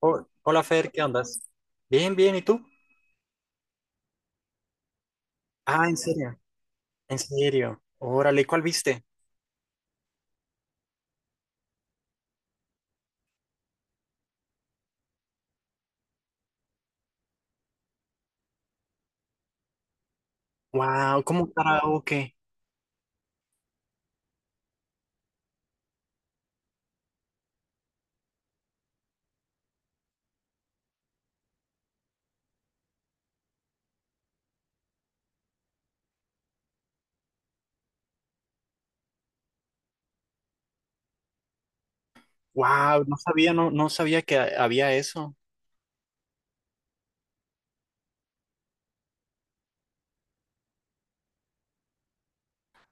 Hola Fer, ¿qué andas? Bien, bien, ¿y tú? Ah, ¿en serio? ¿En serio? Órale, ¿cuál viste? Wow, ¿cómo karaoke? Wow, no sabía, no sabía que había eso.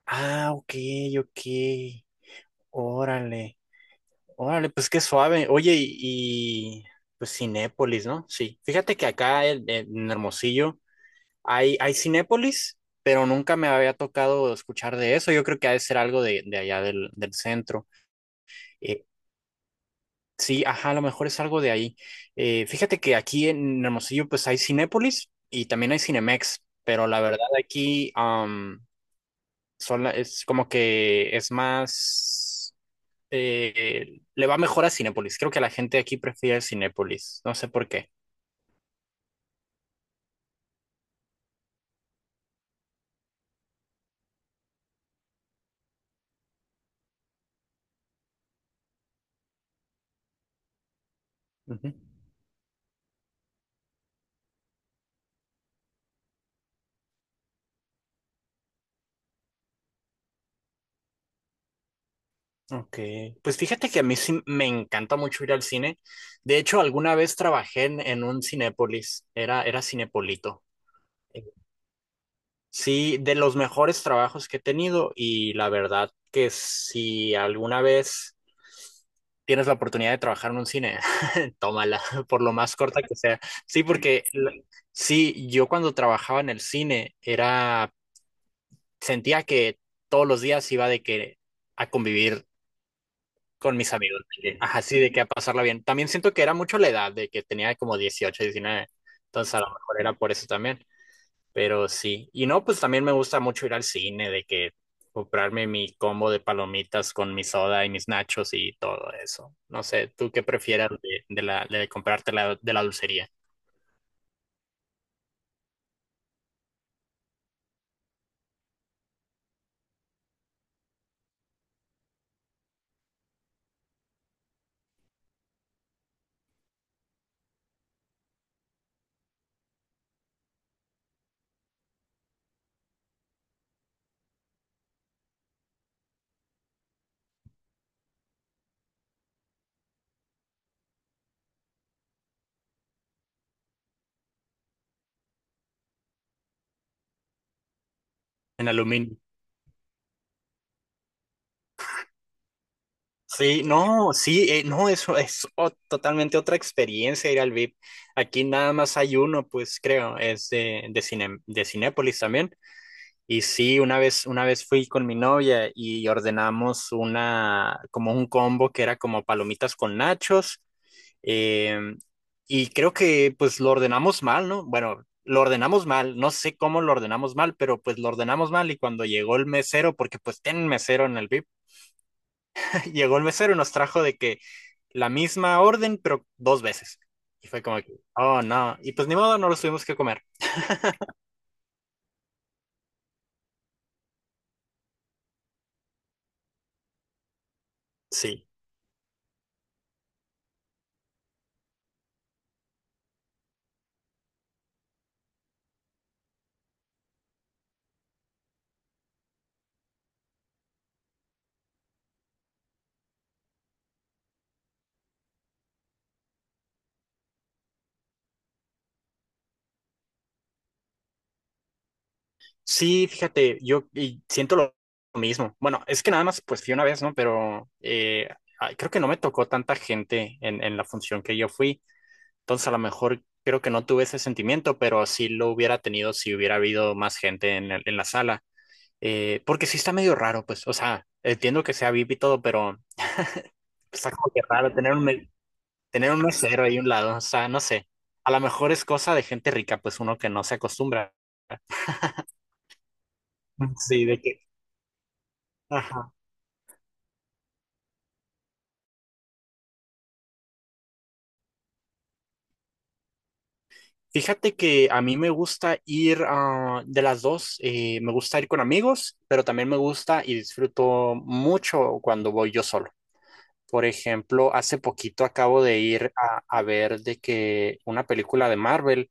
Ah, ok, ok. Órale, órale, pues qué suave. Oye, y, pues Cinépolis, ¿no? Sí. Fíjate que acá en Hermosillo hay Cinépolis, pero nunca me había tocado escuchar de eso. Yo creo que ha de ser algo de allá del centro. Eh, Sí, ajá, a lo mejor es algo de ahí. Fíjate que aquí en Hermosillo pues hay Cinépolis y también hay Cinemex, pero la verdad aquí es como que es más, le va mejor a Cinépolis. Creo que la gente aquí prefiere Cinépolis, no sé por qué. Ujú. Ok, pues fíjate que a mí sí me encanta mucho ir al cine. De hecho, alguna vez trabajé en un Cinépolis, era Cinepolito. Sí, de los mejores trabajos que he tenido y la verdad que si alguna vez tienes la oportunidad de trabajar en un cine, tómala, por lo más corta que sea. Sí, sí, yo cuando trabajaba en el cine era, sentía que todos los días iba de que a convivir con mis amigos, de que, ajá, sí, de que a pasarla bien. También siento que era mucho la edad, de que tenía como 18 19, entonces a lo mejor era por eso también. Pero sí, y no, pues también me gusta mucho ir al cine, de que comprarme mi combo de palomitas con mi soda y mis nachos y todo eso. No sé, ¿tú qué prefieras de la de comprarte de la dulcería en aluminio? Sí, no, sí, no, eso es totalmente otra experiencia ir al VIP. Aquí nada más hay uno, pues creo, es de Cinépolis también. Y sí, una vez fui con mi novia y ordenamos una, como un combo que era como palomitas con nachos. Eh, y creo que pues lo ordenamos mal, ¿no? Bueno, lo ordenamos mal, no sé cómo lo ordenamos mal, pero pues lo ordenamos mal y cuando llegó el mesero, porque pues ten mesero en el VIP, llegó el mesero y nos trajo de que la misma orden, pero dos veces. Y fue como que, oh no, y pues ni modo, no los tuvimos que comer. Sí, sí, fíjate, yo y siento lo mismo. Bueno, es que nada más pues fui una vez, ¿no? Pero ay, creo que no me tocó tanta gente en la función que yo fui. Entonces, a lo mejor creo que no tuve ese sentimiento, pero sí lo hubiera tenido si hubiera habido más gente en, en la sala. Porque sí está medio raro, pues, o sea, entiendo que sea VIP y todo, pero está como que raro tener un, tener un mesero ahí a un lado, o sea, no sé. A lo mejor es cosa de gente rica, pues uno que no se acostumbra. Sí, de que. Ajá. Fíjate que a mí me gusta ir de las dos, me gusta ir con amigos, pero también me gusta y disfruto mucho cuando voy yo solo. Por ejemplo, hace poquito acabo de ir a ver de que una película de Marvel.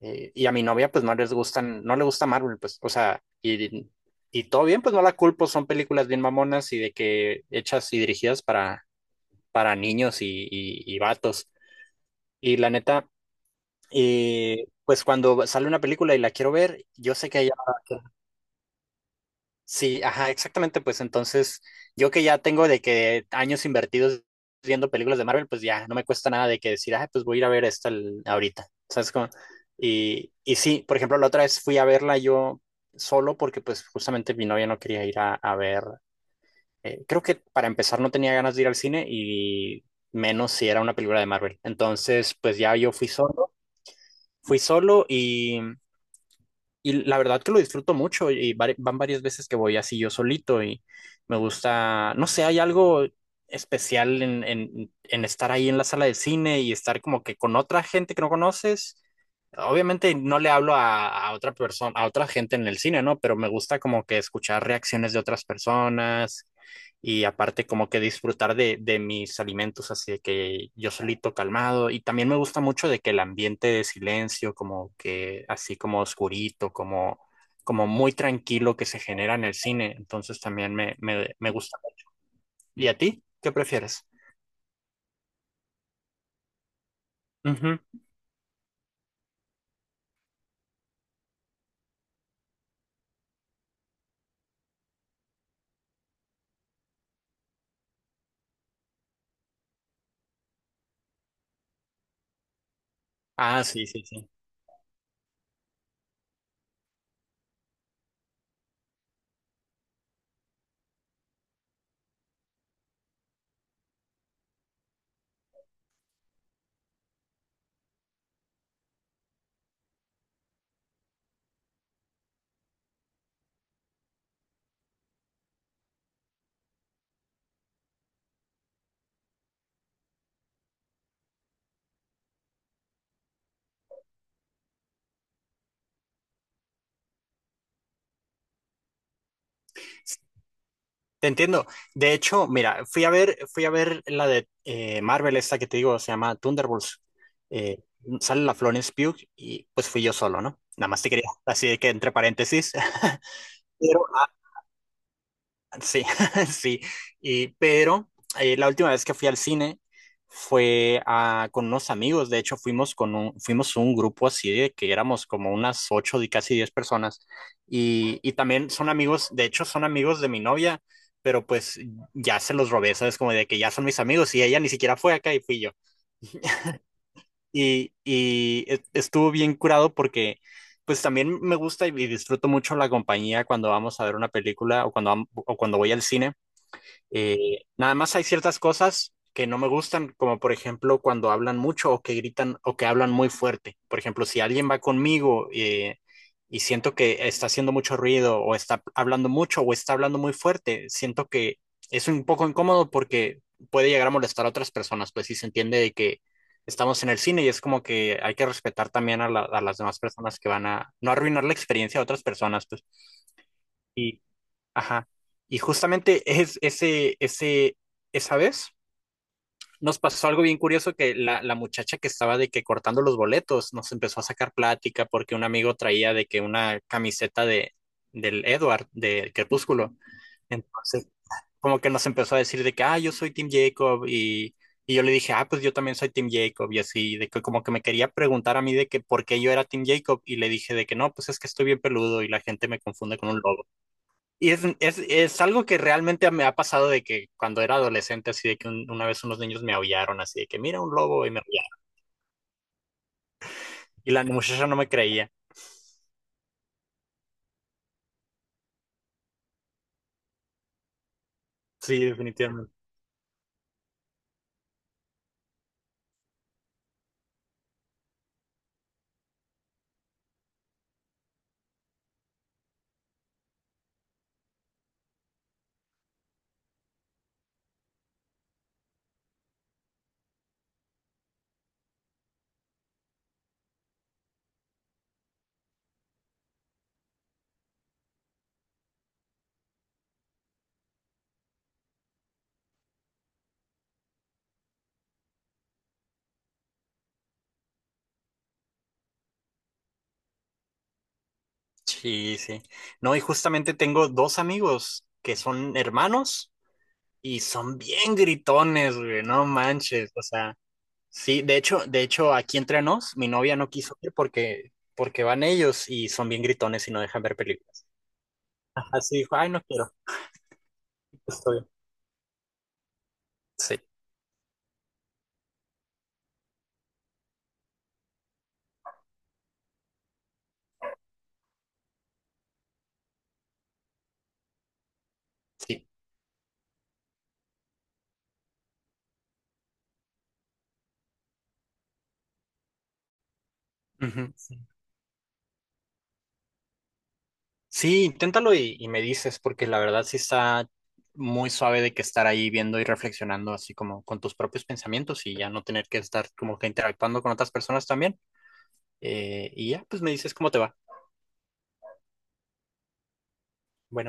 Y a mi novia pues no les gustan, no le gusta Marvel, pues, o sea, y todo bien, pues no la culpo, son películas bien mamonas y de que hechas y dirigidas para niños y vatos. Y la neta, pues cuando sale una película y la quiero ver, yo sé que hay. Sí, ajá, exactamente. Pues entonces, yo que ya tengo de que años invertidos viendo películas de Marvel, pues ya no me cuesta nada de que decir, ah, pues voy a ir a ver esta ahorita. ¿Sabes cómo? Y sí, por ejemplo, la otra vez fui a verla yo solo porque pues justamente mi novia no quería ir a ver. Creo que para empezar no tenía ganas de ir al cine y menos si era una película de Marvel. Entonces, pues ya yo fui solo y la verdad que lo disfruto mucho y van varias veces que voy así yo solito y me gusta, no sé, hay algo especial en estar ahí en la sala de cine y estar como que con otra gente que no conoces. Obviamente no le hablo a otra persona, a otra gente en el cine, ¿no? Pero me gusta como que escuchar reacciones de otras personas y aparte como que disfrutar de mis alimentos, así de que yo solito calmado y también me gusta mucho de que el ambiente de silencio, como que así como oscurito, como, como muy tranquilo que se genera en el cine, entonces también me gusta. ¿Y a ti? ¿Qué prefieres? Ujú. Ah, sí, sí, sí. Te entiendo. De hecho, mira, fui a ver la de Marvel, esta que te digo, se llama Thunderbolts. Eh, Sale la Florence Pugh y pues fui yo solo, ¿no? Nada más te quería, así que entre paréntesis. Pero sí, sí. Y, pero la última vez que fui al cine fue con unos amigos. De hecho, fuimos con un, fuimos un grupo así de que éramos como unas ocho y casi diez personas. Y también son amigos, de hecho, son amigos de mi novia, pero pues ya se los robé, ¿sabes? Como de que ya son mis amigos y ella ni siquiera fue acá y fui yo. Y, y estuvo bien curado porque pues también me gusta y disfruto mucho la compañía cuando vamos a ver una película o cuando, o cuando voy al cine. Nada más hay ciertas cosas que no me gustan, como por ejemplo cuando hablan mucho o que gritan o que hablan muy fuerte. Por ejemplo, si alguien va conmigo y siento que está haciendo mucho ruido o está hablando mucho o está hablando muy fuerte, siento que es un poco incómodo porque puede llegar a molestar a otras personas, pues si se entiende de que estamos en el cine y es como que hay que respetar también a, a las demás personas que van a no arruinar la experiencia de otras personas, pues. Y ajá. Y justamente es ese, ese, esa vez nos pasó algo bien curioso que la muchacha que estaba de que cortando los boletos nos empezó a sacar plática porque un amigo traía de que una camiseta de del Edward de Crepúsculo. Entonces, como que nos empezó a decir de que, ah, yo soy Team Jacob y yo le dije, ah, pues yo también soy Team Jacob y así, de que como que me quería preguntar a mí de que por qué yo era Team Jacob y le dije de que no, pues es que estoy bien peludo y la gente me confunde con un lobo. Y es algo que realmente me ha pasado de que cuando era adolescente, así de que una vez unos niños me aullaron, así de que mira un lobo y me aullaron. Y la muchacha no me creía. Sí, definitivamente. Sí, sí. No, y justamente tengo dos amigos que son hermanos y son bien gritones, güey, no manches. O sea, sí, de hecho, aquí entre nos, mi novia no quiso ir porque, porque van ellos y son bien gritones y no dejan ver películas. Así dijo, ay, no quiero, estoy. Sí, sí. Ujú. Sí, inténtalo y me dices, porque la verdad sí está muy suave de que estar ahí viendo y reflexionando así como con tus propios pensamientos y ya no tener que estar como que interactuando con otras personas también. Y ya, pues me dices cómo te va. Bueno.